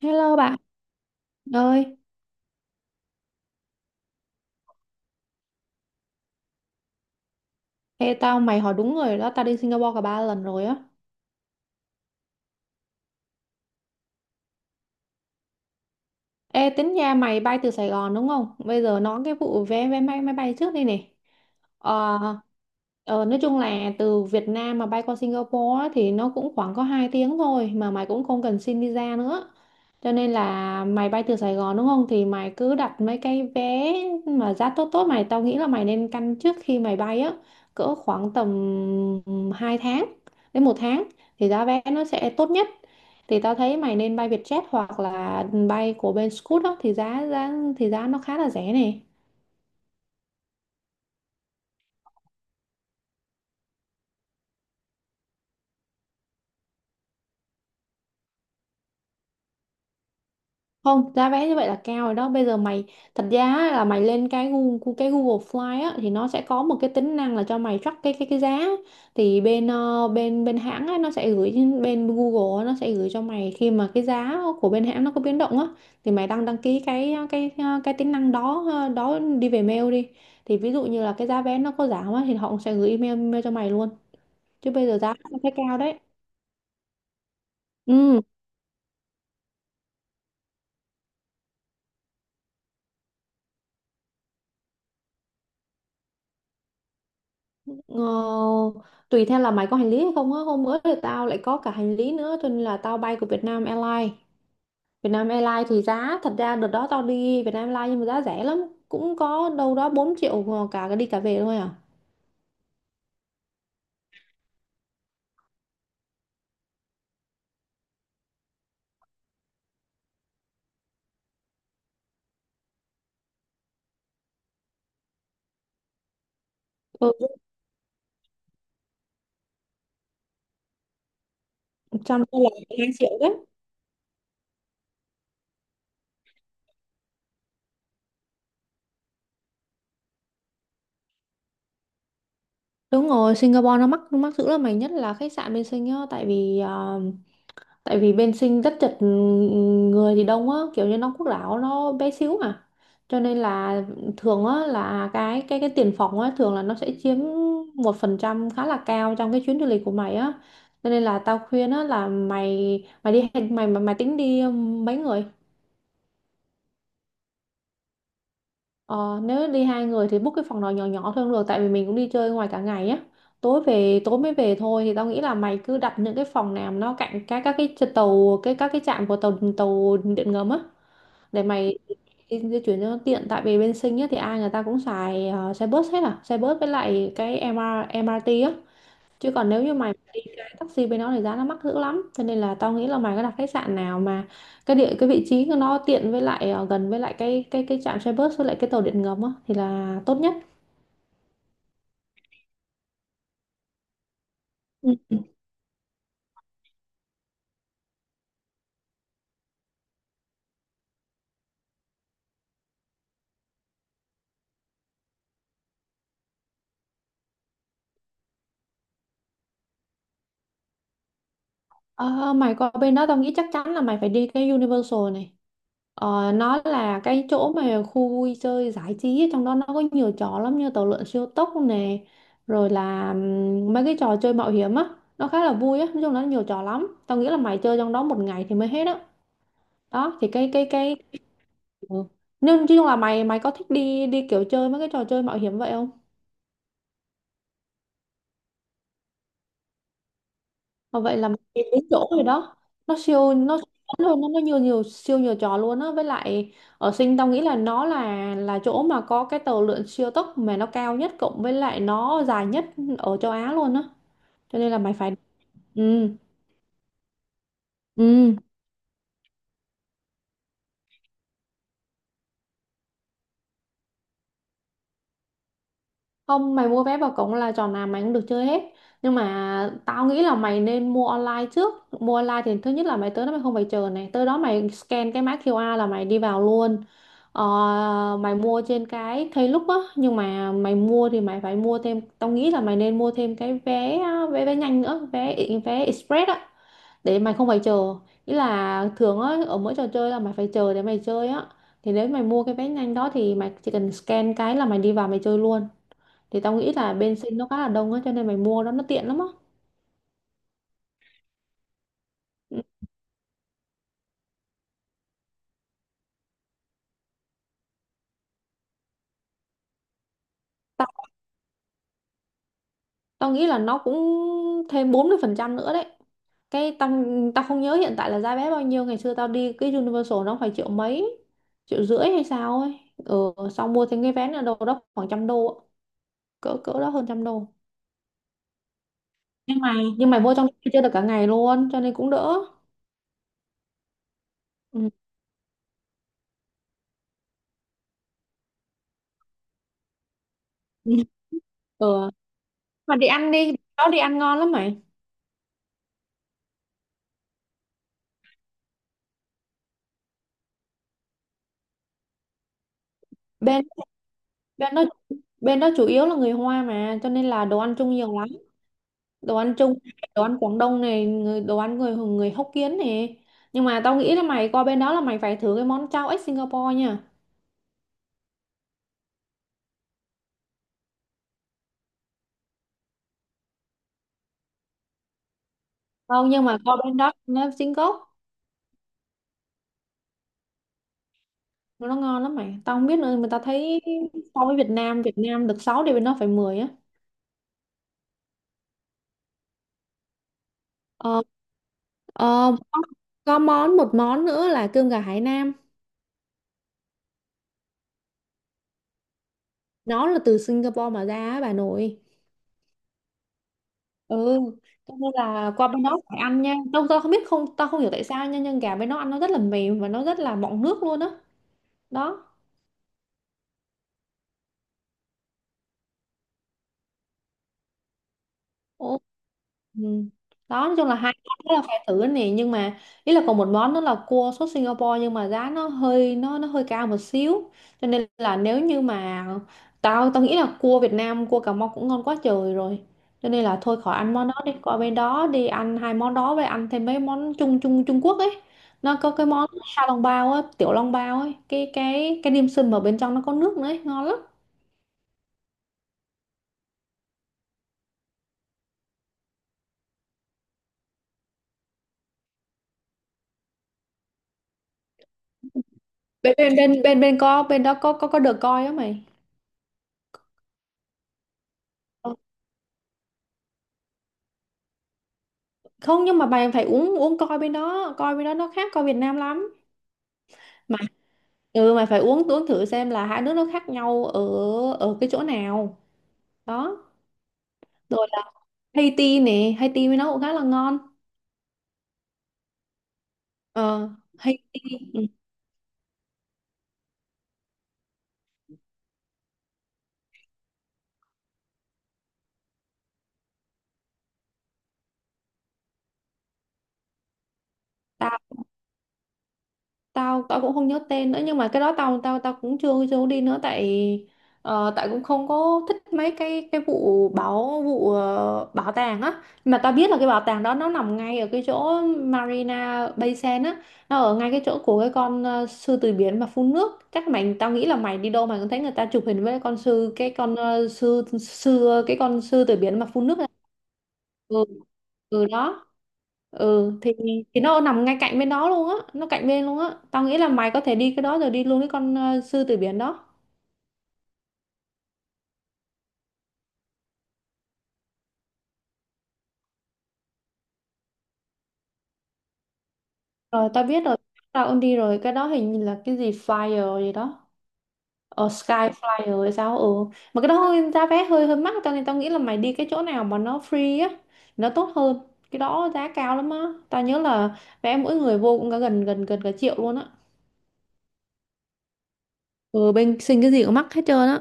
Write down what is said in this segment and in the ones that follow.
Hello bạn ơi, ê tao mày hỏi đúng người đó, tao đi Singapore cả ba lần rồi á. Ê tính nhà mày bay từ Sài Gòn đúng không? Bây giờ nói cái vụ vé vé máy máy bay trước đây này. Ờ, nói chung là từ Việt Nam mà bay qua Singapore á, thì nó cũng khoảng có 2 tiếng thôi mà mày cũng không cần xin visa nữa. Cho nên là mày bay từ Sài Gòn đúng không? Thì mày cứ đặt mấy cái vé mà giá tốt tốt mày. Tao nghĩ là mày nên căn trước khi mày bay á. Cỡ khoảng tầm 2 tháng đến một tháng. Thì giá vé nó sẽ tốt nhất. Thì tao thấy mày nên bay Vietjet hoặc là bay của bên Scoot á. Thì giá giá thì giá nó khá là rẻ này. Không, giá vé như vậy là cao rồi đó. Bây giờ mày thật ra á, là mày lên cái Google Fly á thì nó sẽ có một cái tính năng là cho mày track cái giá. Thì bên ờ, bên bên hãng á nó sẽ gửi bên Google á, nó sẽ gửi cho mày khi mà cái giá của bên hãng nó có biến động á, thì mày đăng đăng ký cái cái tính năng đó, đó, đi về mail đi. Thì ví dụ như là cái giá vé nó có giảm á thì họ cũng sẽ gửi email cho mày luôn. Chứ bây giờ giá nó thấy cao đấy. Ừ. Ờ, Tùy theo là mày có hành lý hay không á, hôm bữa thì tao lại có cả hành lý nữa cho nên là tao bay của Vietnam Airlines. Thì giá thật ra đợt đó tao đi Vietnam Airlines nhưng mà giá rẻ lắm, cũng có đâu đó 4 triệu mà cả cái đi cả về thôi à. Ừ, trong đó là 2 triệu đấy. Đúng rồi, Singapore nó mắc dữ lắm mày, nhất là khách sạn bên Sing á. Tại vì bên Sinh rất chật, người thì đông á, kiểu như Đông Quốc Đảo nó bé xíu mà, cho nên là thường á là cái tiền phòng á thường là nó sẽ chiếm một phần trăm khá là cao trong cái chuyến du lịch của mày á. Cho nên là tao khuyên á, là mày mày đi mày mày, mày tính đi mấy người. Ờ, nếu đi hai người thì book cái phòng nào nhỏ nhỏ thôi cũng được, tại vì mình cũng đi chơi ngoài cả ngày á, tối mới về thôi. Thì tao nghĩ là mày cứ đặt những cái phòng nào mà nó cạnh các cái tàu cái các cái trạm của tàu tàu điện ngầm á, để mày đi di chuyển cho nó tiện. Tại vì bên Sinh nhất thì ai người ta cũng xài xe bus hết à, xe bus với lại cái MR, MRT á. Chứ còn nếu như mày đi cái taxi bên đó thì giá nó mắc dữ lắm, cho nên là tao nghĩ là mày có đặt khách sạn nào mà cái vị trí của nó tiện, với lại gần với lại cái trạm xe bus với lại cái tàu điện ngầm á, thì là tốt nhất. Ừ. Ờ, mày qua bên đó tao nghĩ chắc chắn là mày phải đi cái Universal này. Ờ, nó là cái chỗ mà khu vui chơi giải trí ấy, trong đó nó có nhiều trò lắm, như tàu lượn siêu tốc nè, rồi là mấy cái trò chơi mạo hiểm á, nó khá là vui á. Nói chung là nó nhiều trò lắm, tao nghĩ là mày chơi trong đó một ngày thì mới hết á. Đó, thì cái ừ. nhưng nói chung là mày mày có thích đi đi kiểu chơi mấy cái trò chơi mạo hiểm vậy không? Ờ, vậy là mình đi đúng chỗ rồi đó. Nó siêu luôn, nó nhiều nhiều siêu nhiều trò luôn á. Với lại ở Sinh tao nghĩ là nó là chỗ mà có cái tàu lượn siêu tốc mà nó cao nhất cộng với lại nó dài nhất ở châu Á luôn á, cho nên là mày phải. Ừ, ừ. Không, mày mua vé vào cổng là trò nào mày cũng được chơi hết. Nhưng mà tao nghĩ là mày nên mua online trước. Mua online thì thứ nhất là mày tới đó mày không phải chờ này. Tới đó mày scan cái mã QR là mày đi vào luôn. Ờ, mày mua trên cái Klook á. Nhưng mà mày mua thì mày phải mua thêm. Tao nghĩ là mày nên mua thêm cái vé vé vé nhanh nữa. Vé vé express á. Để mày không phải chờ. Ý là thường á, ở mỗi trò chơi là mày phải chờ để mày chơi á. Thì nếu mày mua cái vé nhanh đó thì mày chỉ cần scan cái là mày đi vào mày chơi luôn. Thì tao nghĩ là bên sinh nó khá là đông á, cho nên mày mua đó nó tiện lắm á. Ừ, tao tao nghĩ là nó cũng thêm 40% nữa đấy. Cái tao Tao không nhớ hiện tại là giá vé bao nhiêu, ngày xưa tao đi cái Universal nó phải triệu mấy, triệu rưỡi hay sao ấy. Ừ, xong mua thêm cái vé nữa đâu đó khoảng trăm đô ạ. Cỡ cỡ đó, hơn trăm đô. Nhưng mà nhưng Mày mua trong đó chơi được cả ngày luôn cho nên cũng đỡ. Ừ. Ừ. Mà đi ăn đi, đó đi ăn ngon lắm mày. Bên bên đó Bên đó chủ yếu là người Hoa mà, cho nên là đồ ăn chung nhiều lắm. Đồ ăn Trung này, đồ ăn Quảng Đông này, người đồ ăn người người Hokkien này. Nhưng mà tao nghĩ là mày qua bên đó là mày phải thử cái món chao ếch Singapore nha. Tao nhưng mà Qua bên đó nó chính gốc, nó ngon lắm mày. Tao không biết nữa mà tao thấy so với Việt Nam, được 6 thì bên đó phải 10 á. ờ, ờ, có, có một món nữa là cơm gà Hải Nam. Nó là từ Singapore mà ra á bà nội. Ừ, cho nên là qua bên đó phải ăn nha. Tao, tao không biết không hiểu tại sao nha, nhưng gà bên đó ăn nó rất là mềm và nó rất là mọng nước luôn á. Đó. Ủa, ừ. Đó, nói chung là hai món đó là phải thử nè, nhưng mà ý là còn một món đó là cua sốt Singapore. Nhưng mà giá nó hơi cao một xíu, cho nên là nếu như mà tao tao nghĩ là cua Việt Nam, cua Cà Mau cũng ngon quá trời rồi, cho nên là thôi khỏi ăn món đó đi, qua bên đó đi ăn hai món đó với ăn thêm mấy món Trung Trung Trung Quốc ấy. Nó có cái món sa long bao á, tiểu long bao ấy, cái dim sum mà bên trong nó có nước nữa ấy, ngon lắm. Bên bên bên bên bên có Bên đó có được coi á mày. Không, nhưng mà bạn phải uống uống coi, bên đó nó khác coi Việt Nam lắm. Mà ừ, mày phải uống uống thử xem là hai nước nó khác nhau ở ở cái chỗ nào đó. Rồi là Haiti nè, Haiti với nó cũng khá là ngon. Ờ Haiti. Ừ, tao tao tao cũng không nhớ tên nữa, nhưng mà cái đó tao tao tao cũng chưa chưa có đi nữa. Tại ờ, tại cũng không có thích mấy cái vụ bảo vụ ờ, bảo tàng á. Nhưng mà tao biết là cái bảo tàng đó nó nằm ngay ở cái chỗ Marina Bay Sands á. Nó ở ngay cái chỗ của cái con sư tử biển mà phun nước. Chắc mày, tao nghĩ là mày đi đâu mày cũng thấy người ta chụp hình với con sư cái con ờ, sư sư cái con sư tử biển mà phun nước á. Ừ. Ừ, đó, ừ thì nó nằm ngay cạnh bên đó luôn á, tao nghĩ là mày có thể đi cái đó rồi đi luôn cái con sư tử biển đó. Rồi, tao biết rồi, tao cũng đi rồi. Cái đó hình như là cái gì flyer gì đó, ờ sky flyer hay sao. Ừ, mà cái đó giá vé hơi hơi mắc, cho nên tao nghĩ là mày đi cái chỗ nào mà nó free á, nó tốt hơn. Cái đó giá cao lắm á, tao nhớ là vé mỗi người vô cũng cả gần gần gần cả triệu luôn á. Ừ, bên sinh cái gì cũng mắc hết trơn á.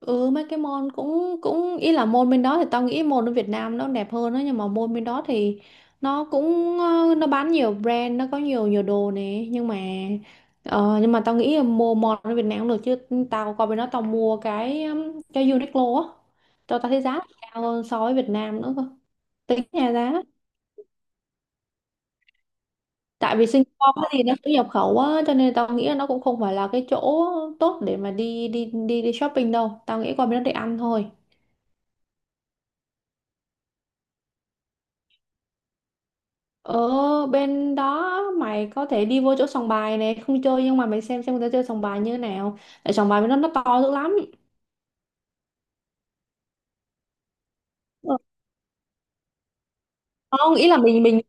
Ừ, mấy cái môn cũng cũng ý là môn bên đó thì tao nghĩ môn ở Việt Nam nó đẹp hơn đó. Nhưng mà môn bên đó thì nó cũng nó bán nhiều brand, nó có nhiều nhiều đồ nè. Nhưng mà tao nghĩ là mua món ở Việt Nam cũng được chứ. Tao qua bên đó tao mua cái Uniqlo á, tao tao thấy giá cao hơn so với Việt Nam nữa cơ. Tính nhà giá, tại vì Singapore thì nó cũng nhập khẩu á, cho nên tao nghĩ là nó cũng không phải là cái chỗ tốt để mà đi đi đi đi shopping đâu. Tao nghĩ qua bên đó để ăn thôi. Ở bên đó mày có thể đi vô chỗ sòng bài này, không chơi nhưng mà mày xem người ta chơi sòng bài như thế nào. Tại sòng bài bên đó nó to dữ lắm. Ờ, không ý là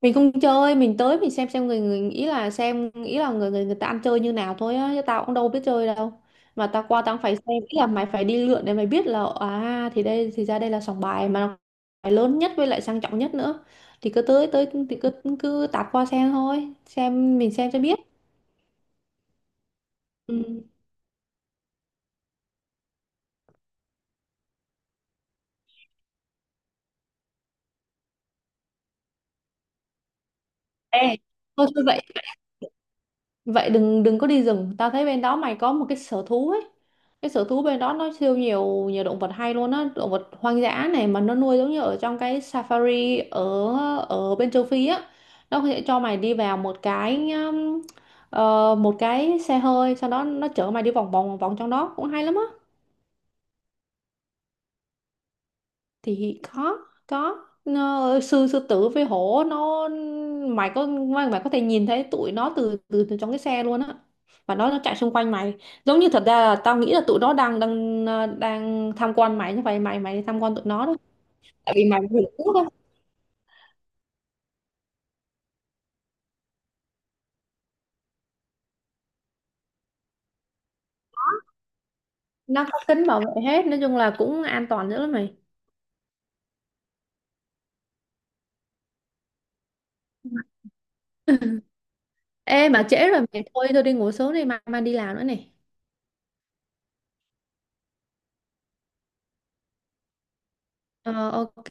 mình không chơi, mình tới mình xem người người ý là xem ý là người người người ta ăn chơi như nào thôi á, chứ tao cũng đâu biết chơi đâu. Mà tao qua tao cũng phải xem, ý là mày phải đi lượn để mày biết là à, thì đây, thì ra đây là sòng bài mà nó phải lớn nhất với lại sang trọng nhất nữa. Thì cứ tới tới thì cứ cứ tạt qua xem thôi, xem mình xem cho biết. Ừ. Ê, thôi thôi vậy vậy đừng đừng có đi rừng. Tao thấy bên đó mày có một cái sở thú ấy, cái sở thú bên đó nó siêu nhiều nhiều động vật hay luôn á, động vật hoang dã này, mà nó nuôi giống như ở trong cái safari ở ở bên châu Phi á. Nó sẽ cho mày đi vào một cái một cái xe hơi, sau đó nó chở mày đi vòng vòng vòng trong đó cũng hay lắm á. Thì có nó, sư sư tử với hổ nó, mày có thể nhìn thấy tụi nó từ từ, từ trong cái xe luôn á, và nó chạy xung quanh mày. Giống như thật ra là tao nghĩ là tụi nó đang đang ờ, đang tham quan mày, như vậy mày, mày đi tham quan tụi nó đó. Tại vì mày vừa trước á, nó có kính bảo vệ hết, nói chung là cũng an toàn dữ lắm mày. Ê, mà trễ rồi mày, thôi tôi đi ngủ sớm đi, mai mai đi làm nữa này. Ờ, ok.